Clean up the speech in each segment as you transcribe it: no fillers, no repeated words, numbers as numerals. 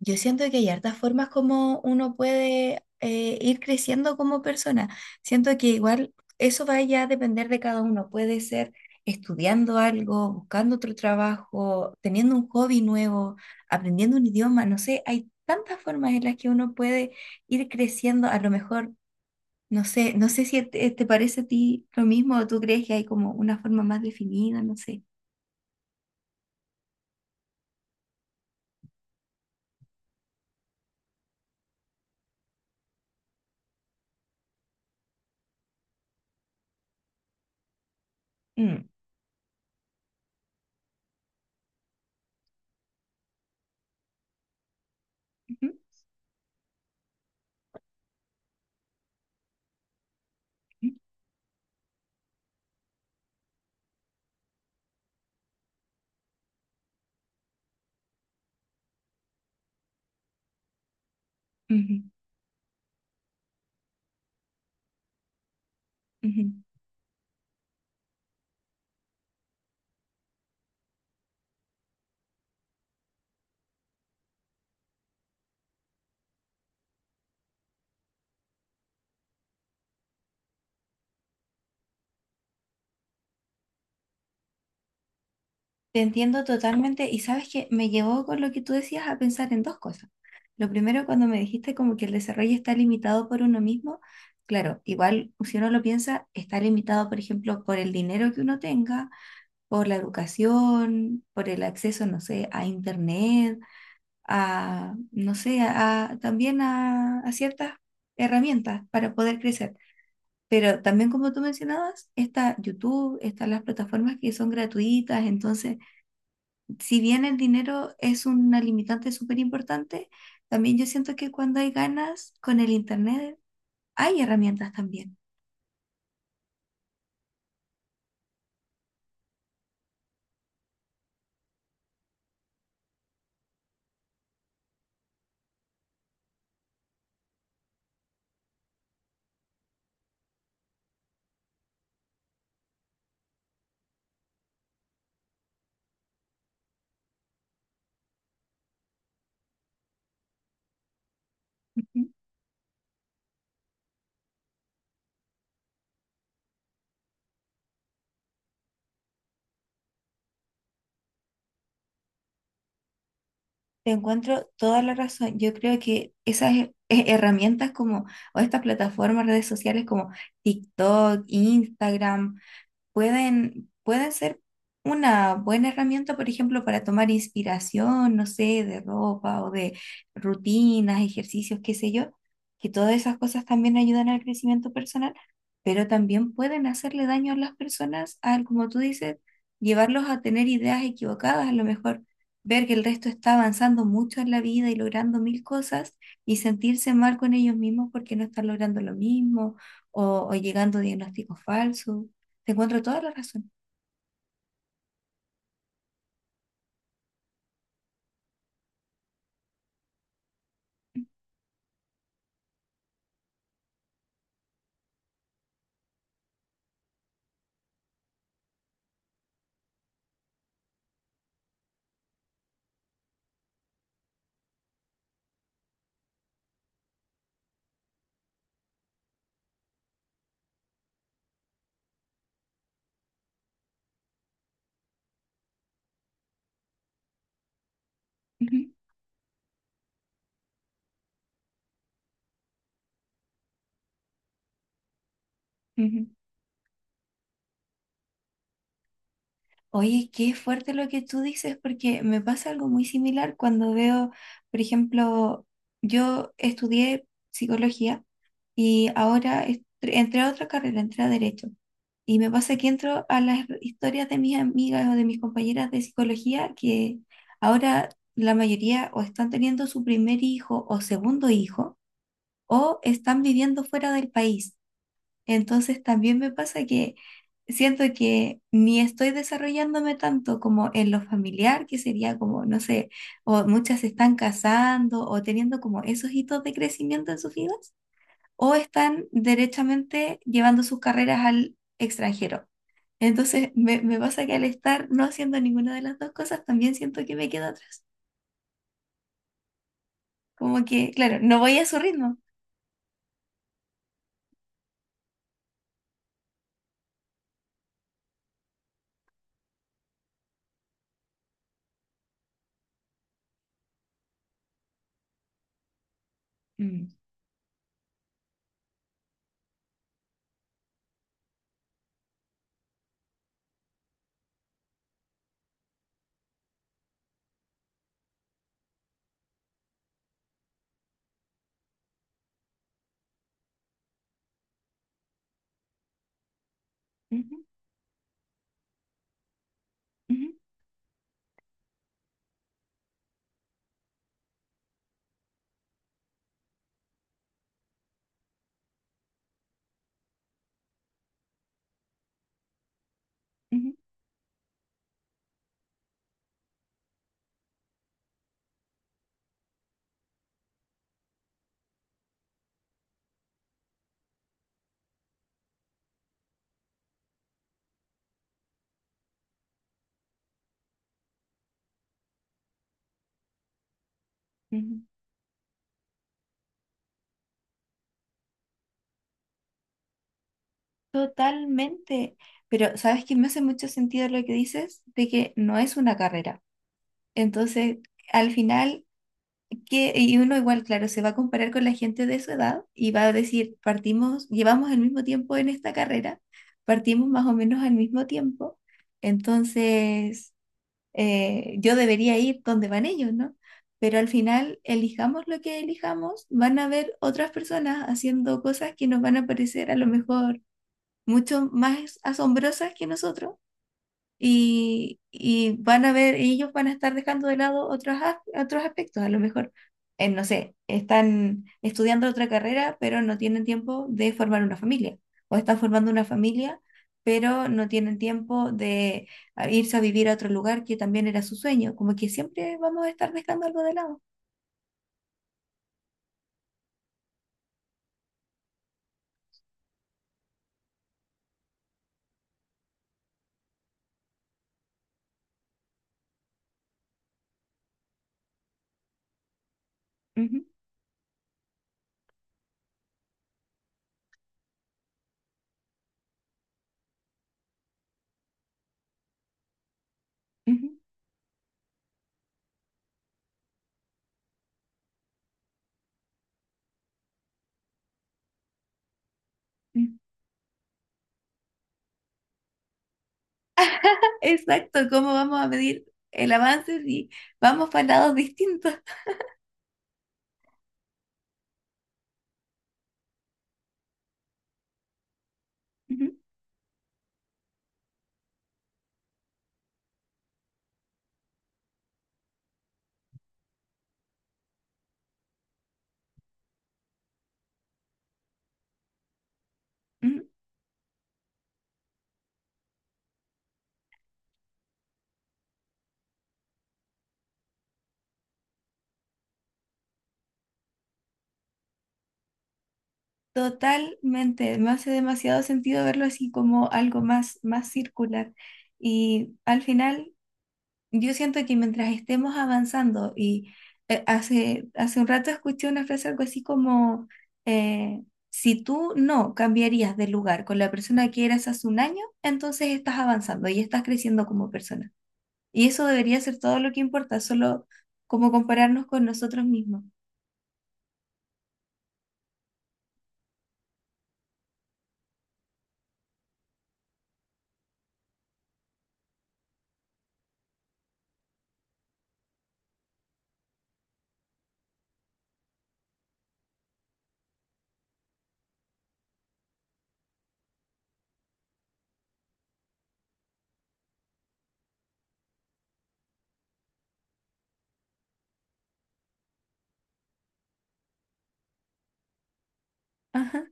Yo siento que hay hartas formas como uno puede ir creciendo como persona. Siento que igual eso va ya a depender de cada uno. Puede ser estudiando algo, buscando otro trabajo, teniendo un hobby nuevo, aprendiendo un idioma. No sé, hay tantas formas en las que uno puede ir creciendo. A lo mejor, no sé, no sé si te parece a ti lo mismo o tú crees que hay como una forma más definida, no sé. Mm. Ujú, ujú, ujú, ujú. Te entiendo totalmente y sabes que me llevó con lo que tú decías a pensar en dos cosas. Lo primero, cuando me dijiste como que el desarrollo está limitado por uno mismo, claro, igual si uno lo piensa, está limitado, por ejemplo, por el dinero que uno tenga, por la educación, por el acceso, no sé, a internet, a, no sé, a, también a ciertas herramientas para poder crecer. Pero también, como tú mencionabas, está YouTube, están las plataformas que son gratuitas, entonces si bien el dinero es una limitante súper importante, también yo siento que cuando hay ganas con el Internet, hay herramientas también. Ujú. Te encuentro toda la razón. Yo creo que esas herramientas como, o estas plataformas, redes sociales como TikTok, Instagram, pueden ser una buena herramienta, por ejemplo, para tomar inspiración, no sé, de ropa o de rutinas, ejercicios, qué sé yo, que todas esas cosas también ayudan al crecimiento personal, pero también pueden hacerle daño a las personas al, como tú dices, llevarlos a tener ideas equivocadas, a lo mejor ver que el resto está avanzando mucho en la vida y logrando mil cosas y sentirse mal con ellos mismos porque no están logrando lo mismo o llegando a diagnósticos falsos. Te encuentro toda la razón. Ujú, ujú. Oye, qué fuerte lo que tú dices, porque me pasa algo muy similar cuando veo, por ejemplo, yo estudié psicología y ahora entré a otra carrera, entré a derecho. Y me pasa que entro a las historias de mis amigas o de mis compañeras de psicología que ahora la mayoría o están teniendo su primer hijo o segundo hijo o están viviendo fuera del país. Entonces también me pasa que siento que ni estoy desarrollándome tanto como en lo familiar, que sería como, no sé, o muchas se están casando o teniendo como esos hitos de crecimiento en sus vidas, o están derechamente llevando sus carreras al extranjero. Entonces me pasa que al estar no haciendo ninguna de las dos cosas, también siento que me quedo atrás. Como que, claro, no voy a su ritmo. Mm, ujú, ujú, ujú, ujú. Totalmente, pero sabes que me hace mucho sentido lo que dices de que no es una carrera. Entonces, al final, que y uno igual, claro, se va a comparar con la gente de su edad y va a decir, partimos, llevamos el mismo tiempo en esta carrera, partimos más o menos al mismo tiempo, entonces yo debería ir donde van ellos, ¿no? Pero al final, elijamos lo que elijamos, van a haber otras personas haciendo cosas que nos van a parecer a lo mejor mucho más asombrosas que nosotros y van a ver, ellos van a estar dejando de lado otros, otros aspectos, a lo mejor, no sé, están estudiando otra carrera, pero no tienen tiempo de formar una familia, o están formando una familia, pero no tienen tiempo de irse a vivir a otro lugar que también era su sueño, como que siempre vamos a estar dejando algo de lado. Ujú, ujú, ujú. Exacto, ¿cómo vamos a medir el avance si vamos para lados distintos? Ujú, ujú. Totalmente, me hace demasiado sentido verlo así como algo más, más circular. Y al final, yo siento que mientras estemos avanzando, y hace un rato escuché una frase algo así como, eh, si tú no cambiarías de lugar con la persona que eras hace un año, entonces estás avanzando y estás creciendo como persona. Y eso debería ser todo lo que importa, solo como compararnos con nosotros mismos. Ajá.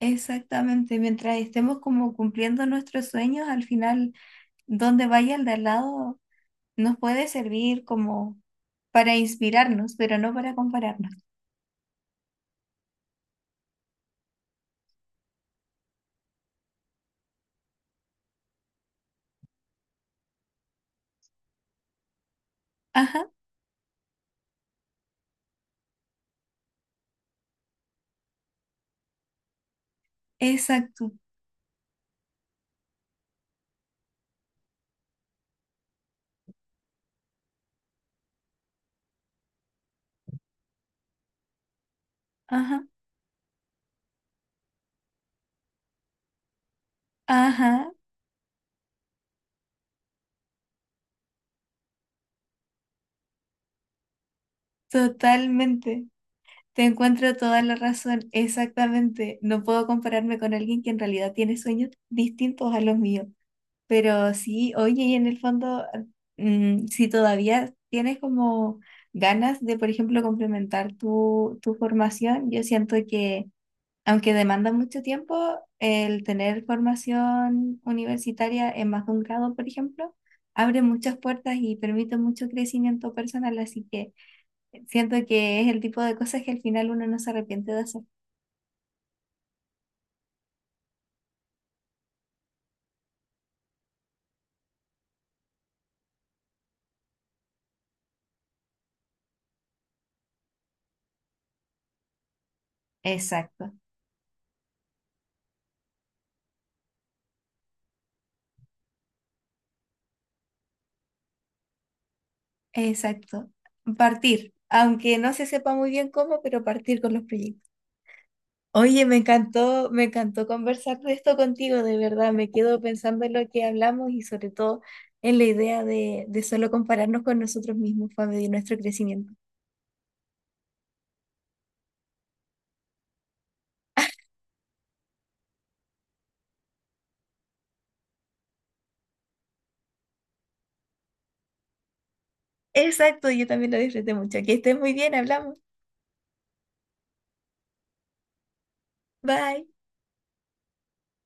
Exactamente, mientras estemos como cumpliendo nuestros sueños, al final, donde vaya el de al lado, nos puede servir como para inspirarnos, pero no para compararnos. Ajá, exacto. Ajá, ajá, totalmente. Te encuentro toda la razón, exactamente. No puedo compararme con alguien que en realidad tiene sueños distintos a los míos. Pero sí, oye, y en el fondo, mm, si todavía tienes como ganas de, por ejemplo, complementar tu formación, yo siento que, aunque demanda mucho tiempo, el tener formación universitaria en más de un grado, por ejemplo, abre muchas puertas y permite mucho crecimiento personal, así que siento que es el tipo de cosas que al final uno no se arrepiente de hacer. Exacto, exacto. Partir, aunque no se sepa muy bien cómo, pero partir con los proyectos. Oye, me encantó conversar de esto contigo, de verdad. Me quedo pensando en lo que hablamos y sobre todo en la idea de solo compararnos con nosotros mismos para medir nuestro crecimiento. Exacto, yo también lo disfruté mucho. Que estés muy bien, hablamos. Bye.